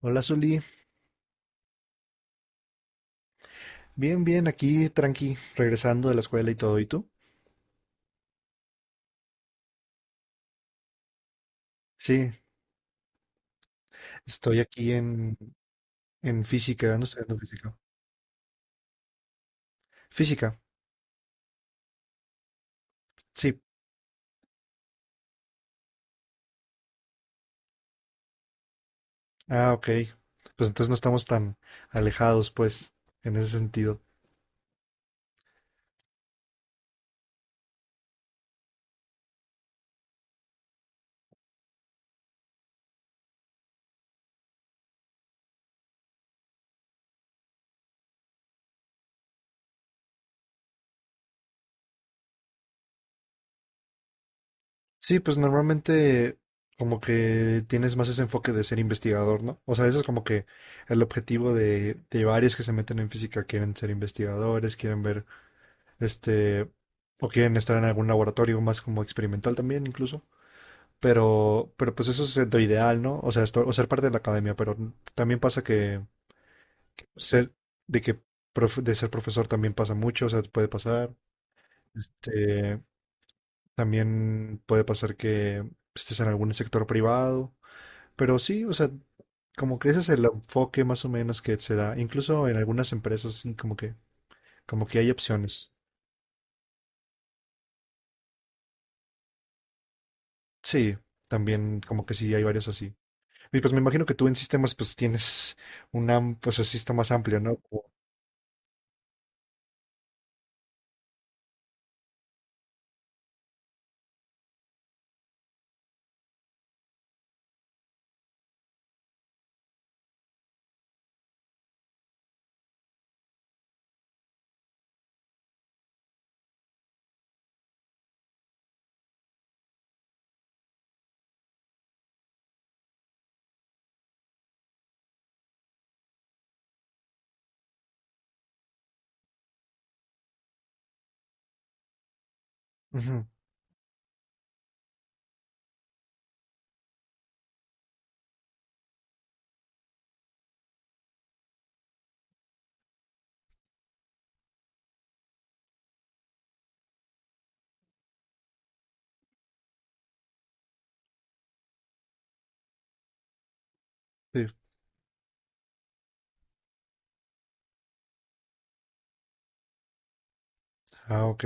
Hola, Zuli. Bien, bien, aquí, tranqui, regresando de la escuela y todo. ¿Y tú? Sí, estoy aquí en física. ¿No estoy viendo física? Física, sí. Ah, ok. Pues entonces no estamos tan alejados, pues, en ese sentido. Sí, pues normalmente como que tienes más ese enfoque de ser investigador, ¿no? O sea, eso es como que el objetivo de varios que se meten en física. Quieren ser investigadores, quieren ver, este, o quieren estar en algún laboratorio más como experimental también, incluso. Pero pues eso es lo ideal, ¿no? O sea, o ser parte de la academia, pero también pasa que ser, de que de ser profesor también pasa mucho, o sea, puede pasar. Este, también puede pasar que estés en algún sector privado, pero sí, o sea, como que ese es el enfoque más o menos que se da, incluso en algunas empresas, sí, como que hay opciones. Sí, también como que sí hay varios así. Y pues me imagino que tú en sistemas pues tienes un pues así está más amplio, ¿no? Como... Ujú. Sí. Ah, ok.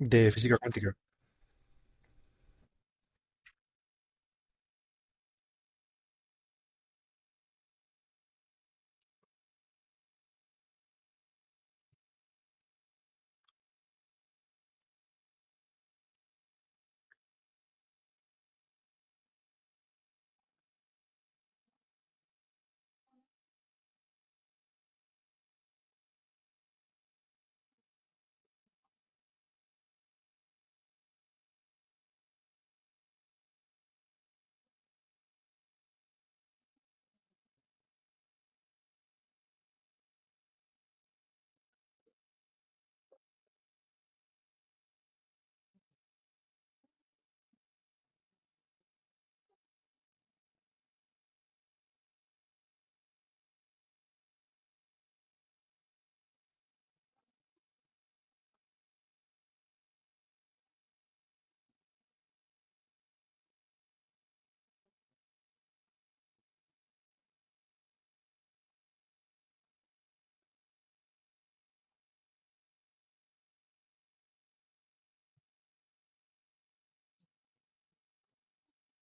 De física cuántica.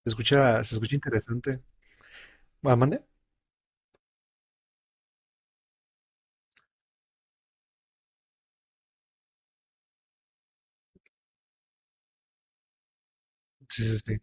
Se escucha interesante. ¿Ah, mande? Sí, sí, sí.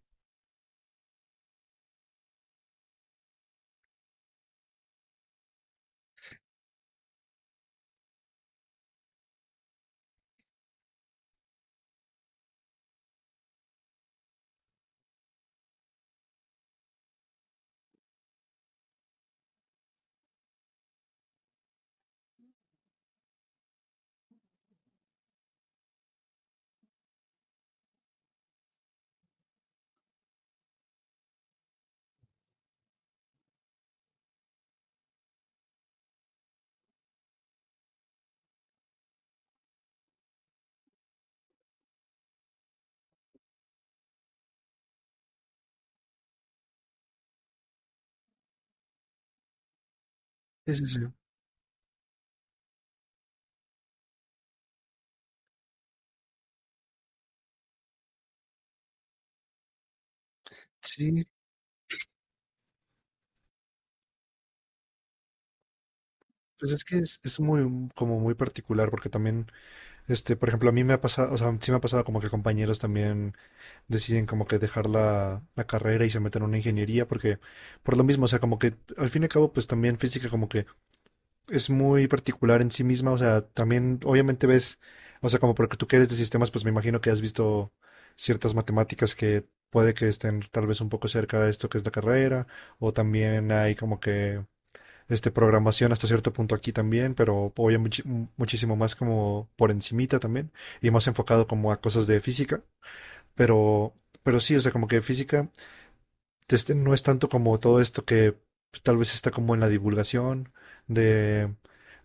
Sí, sí, sí. Sí, pues es que es muy, como muy particular, porque también, por ejemplo, a mí me ha pasado, o sea, sí me ha pasado como que compañeros también deciden como que dejar la, la carrera y se meten a una ingeniería, porque por lo mismo, o sea, como que al fin y al cabo, pues también física como que es muy particular en sí misma, o sea, también obviamente ves, o sea, como porque tú que eres de sistemas, pues me imagino que has visto ciertas matemáticas que puede que estén tal vez un poco cerca de esto que es la carrera, o también hay como que este programación hasta cierto punto aquí también, pero obviamente muchísimo más como por encimita también, y más enfocado como a cosas de física, pero sí, o sea, como que física no es tanto como todo esto que pues, tal vez está como en la divulgación de,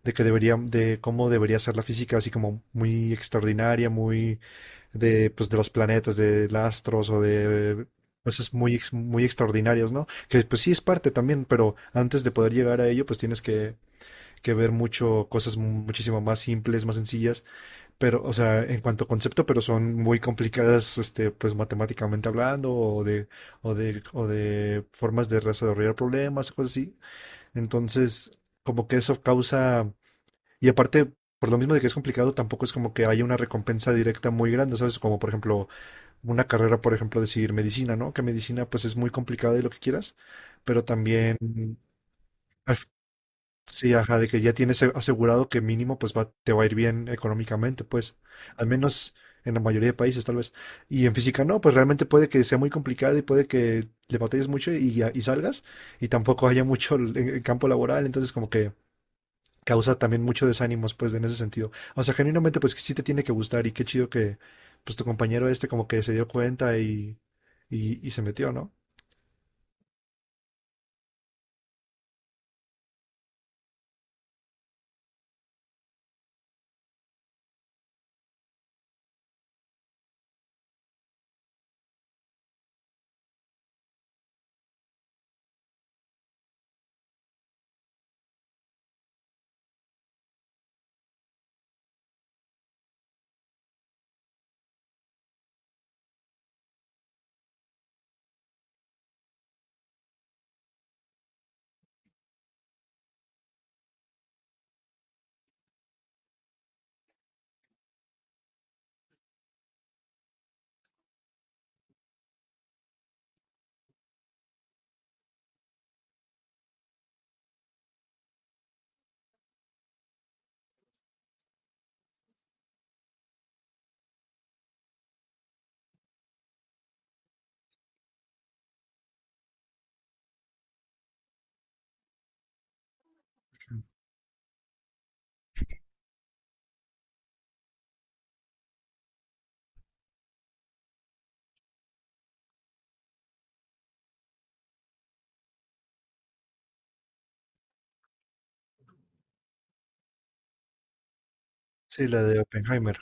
de que debería, de cómo debería ser la física, así como muy extraordinaria, muy de, pues, de los planetas, de los astros o de cosas muy, muy extraordinarias, ¿no? Que pues sí es parte también, pero antes de poder llegar a ello, pues tienes que ver mucho, cosas muchísimo más simples, más sencillas pero, o sea, en cuanto a concepto, pero son muy complicadas, pues matemáticamente hablando, o de formas de resolver problemas, cosas así. Entonces, como que eso causa, y aparte, por lo mismo de que es complicado, tampoco es como que haya una recompensa directa muy grande, ¿sabes? Como por ejemplo, una carrera, por ejemplo, decidir medicina, ¿no? Que medicina, pues es muy complicada y lo que quieras, pero también al... Sí, ajá, de que ya tienes asegurado que mínimo pues va, te va a ir bien económicamente, pues, al menos en la mayoría de países tal vez. Y en física no, pues realmente puede que sea muy complicado y puede que le batalles mucho y, y salgas y tampoco haya mucho el, en campo laboral, entonces como que causa también mucho desánimos pues en ese sentido. O sea, genuinamente pues que sí te tiene que gustar y qué chido que pues tu compañero este como que se dio cuenta y se metió, ¿no? Sí, la de Oppenheimer.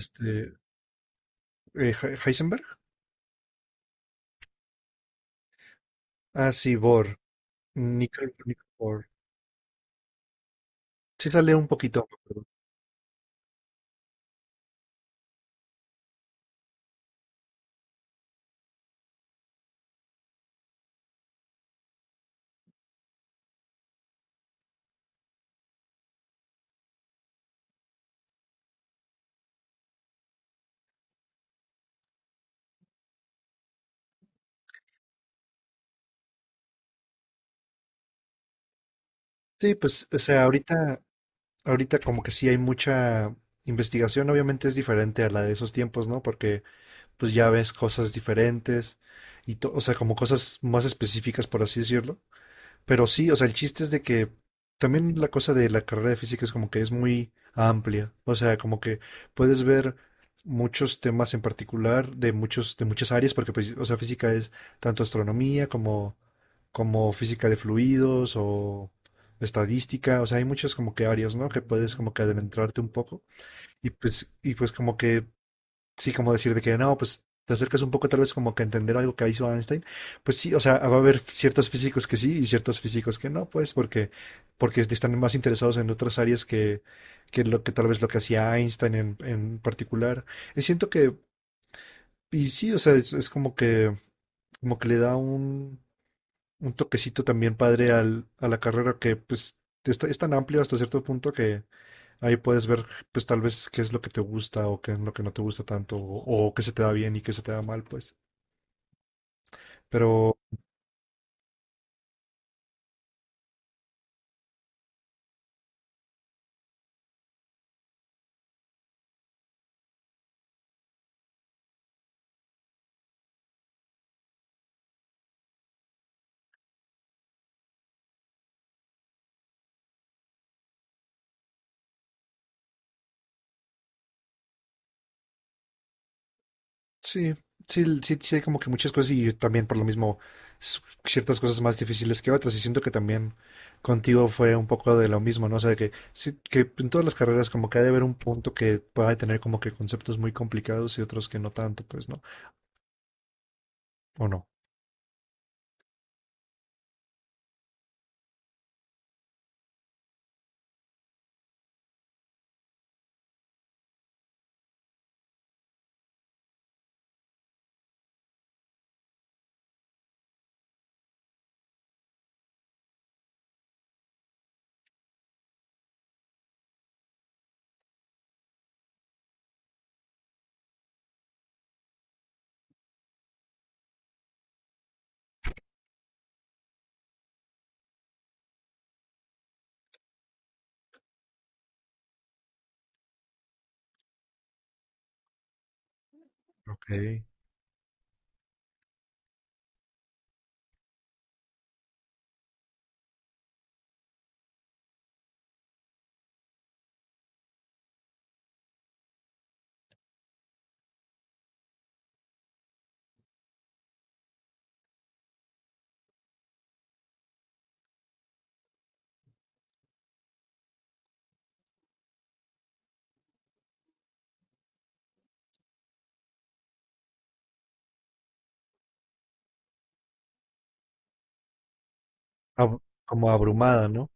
Este, Heisenberg. Ah, sí, Bohr. Nickel, Nickel por. Sí sale un poquito. Me sí, pues, o sea, ahorita, ahorita como que sí hay mucha investigación, obviamente es diferente a la de esos tiempos, ¿no? Porque pues ya ves cosas diferentes y, o sea, como cosas más específicas, por así decirlo. Pero sí, o sea, el chiste es de que también la cosa de la carrera de física es como que es muy amplia. O sea, como que puedes ver muchos temas en particular de muchos, de muchas áreas, porque pues, o sea, física es tanto astronomía como, como física de fluidos o estadística. O sea, hay muchas como que áreas, ¿no? Que puedes como que adentrarte un poco. Y pues como que sí, como decir de que no, pues te acercas un poco tal vez como que a entender algo que hizo Einstein, pues sí, o sea, va a haber ciertos físicos que sí y ciertos físicos que no, pues porque, porque están más interesados en otras áreas que lo que tal vez lo que hacía Einstein en particular. Y siento que, y sí, o sea, es como que le da un toquecito también padre al, a la carrera que pues es, es tan amplio hasta cierto punto que, ahí puedes ver, pues tal vez qué es lo que te gusta o qué es lo que no te gusta tanto o qué se te da bien y qué se te da mal, pues. Pero sí, sí, sí, sí hay como que muchas cosas y también por lo mismo s- ciertas cosas más difíciles que otras y siento que también contigo fue un poco de lo mismo, ¿no? O sea, que, sí, que en todas las carreras como que ha de haber un punto que pueda tener como que conceptos muy complicados y otros que no tanto, pues, ¿no? ¿O no? Ok. Ab- Como abrumada, ¿no?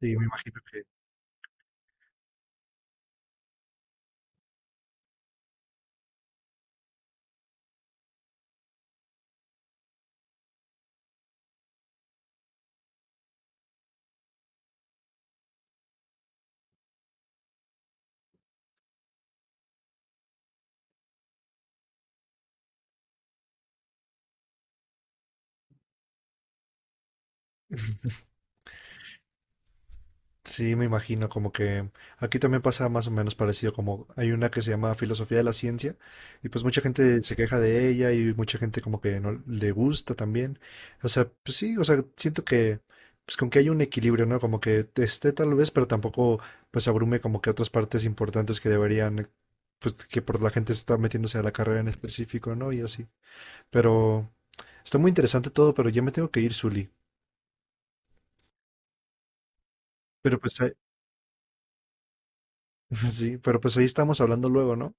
Sí, me imagino. Sí, me imagino, como que aquí también pasa más o menos parecido, como hay una que se llama Filosofía de la Ciencia, y pues mucha gente se queja de ella y mucha gente como que no le gusta también. O sea, pues sí, o sea, siento que pues con que hay un equilibrio, ¿no? Como que esté tal vez, pero tampoco pues abrume como que otras partes importantes que deberían, pues que por la gente está metiéndose a la carrera en específico, ¿no? Y así. Pero está muy interesante todo, pero ya me tengo que ir, Zuli. Pero pues ahí... sí, pero pues ahí estamos hablando luego, ¿no?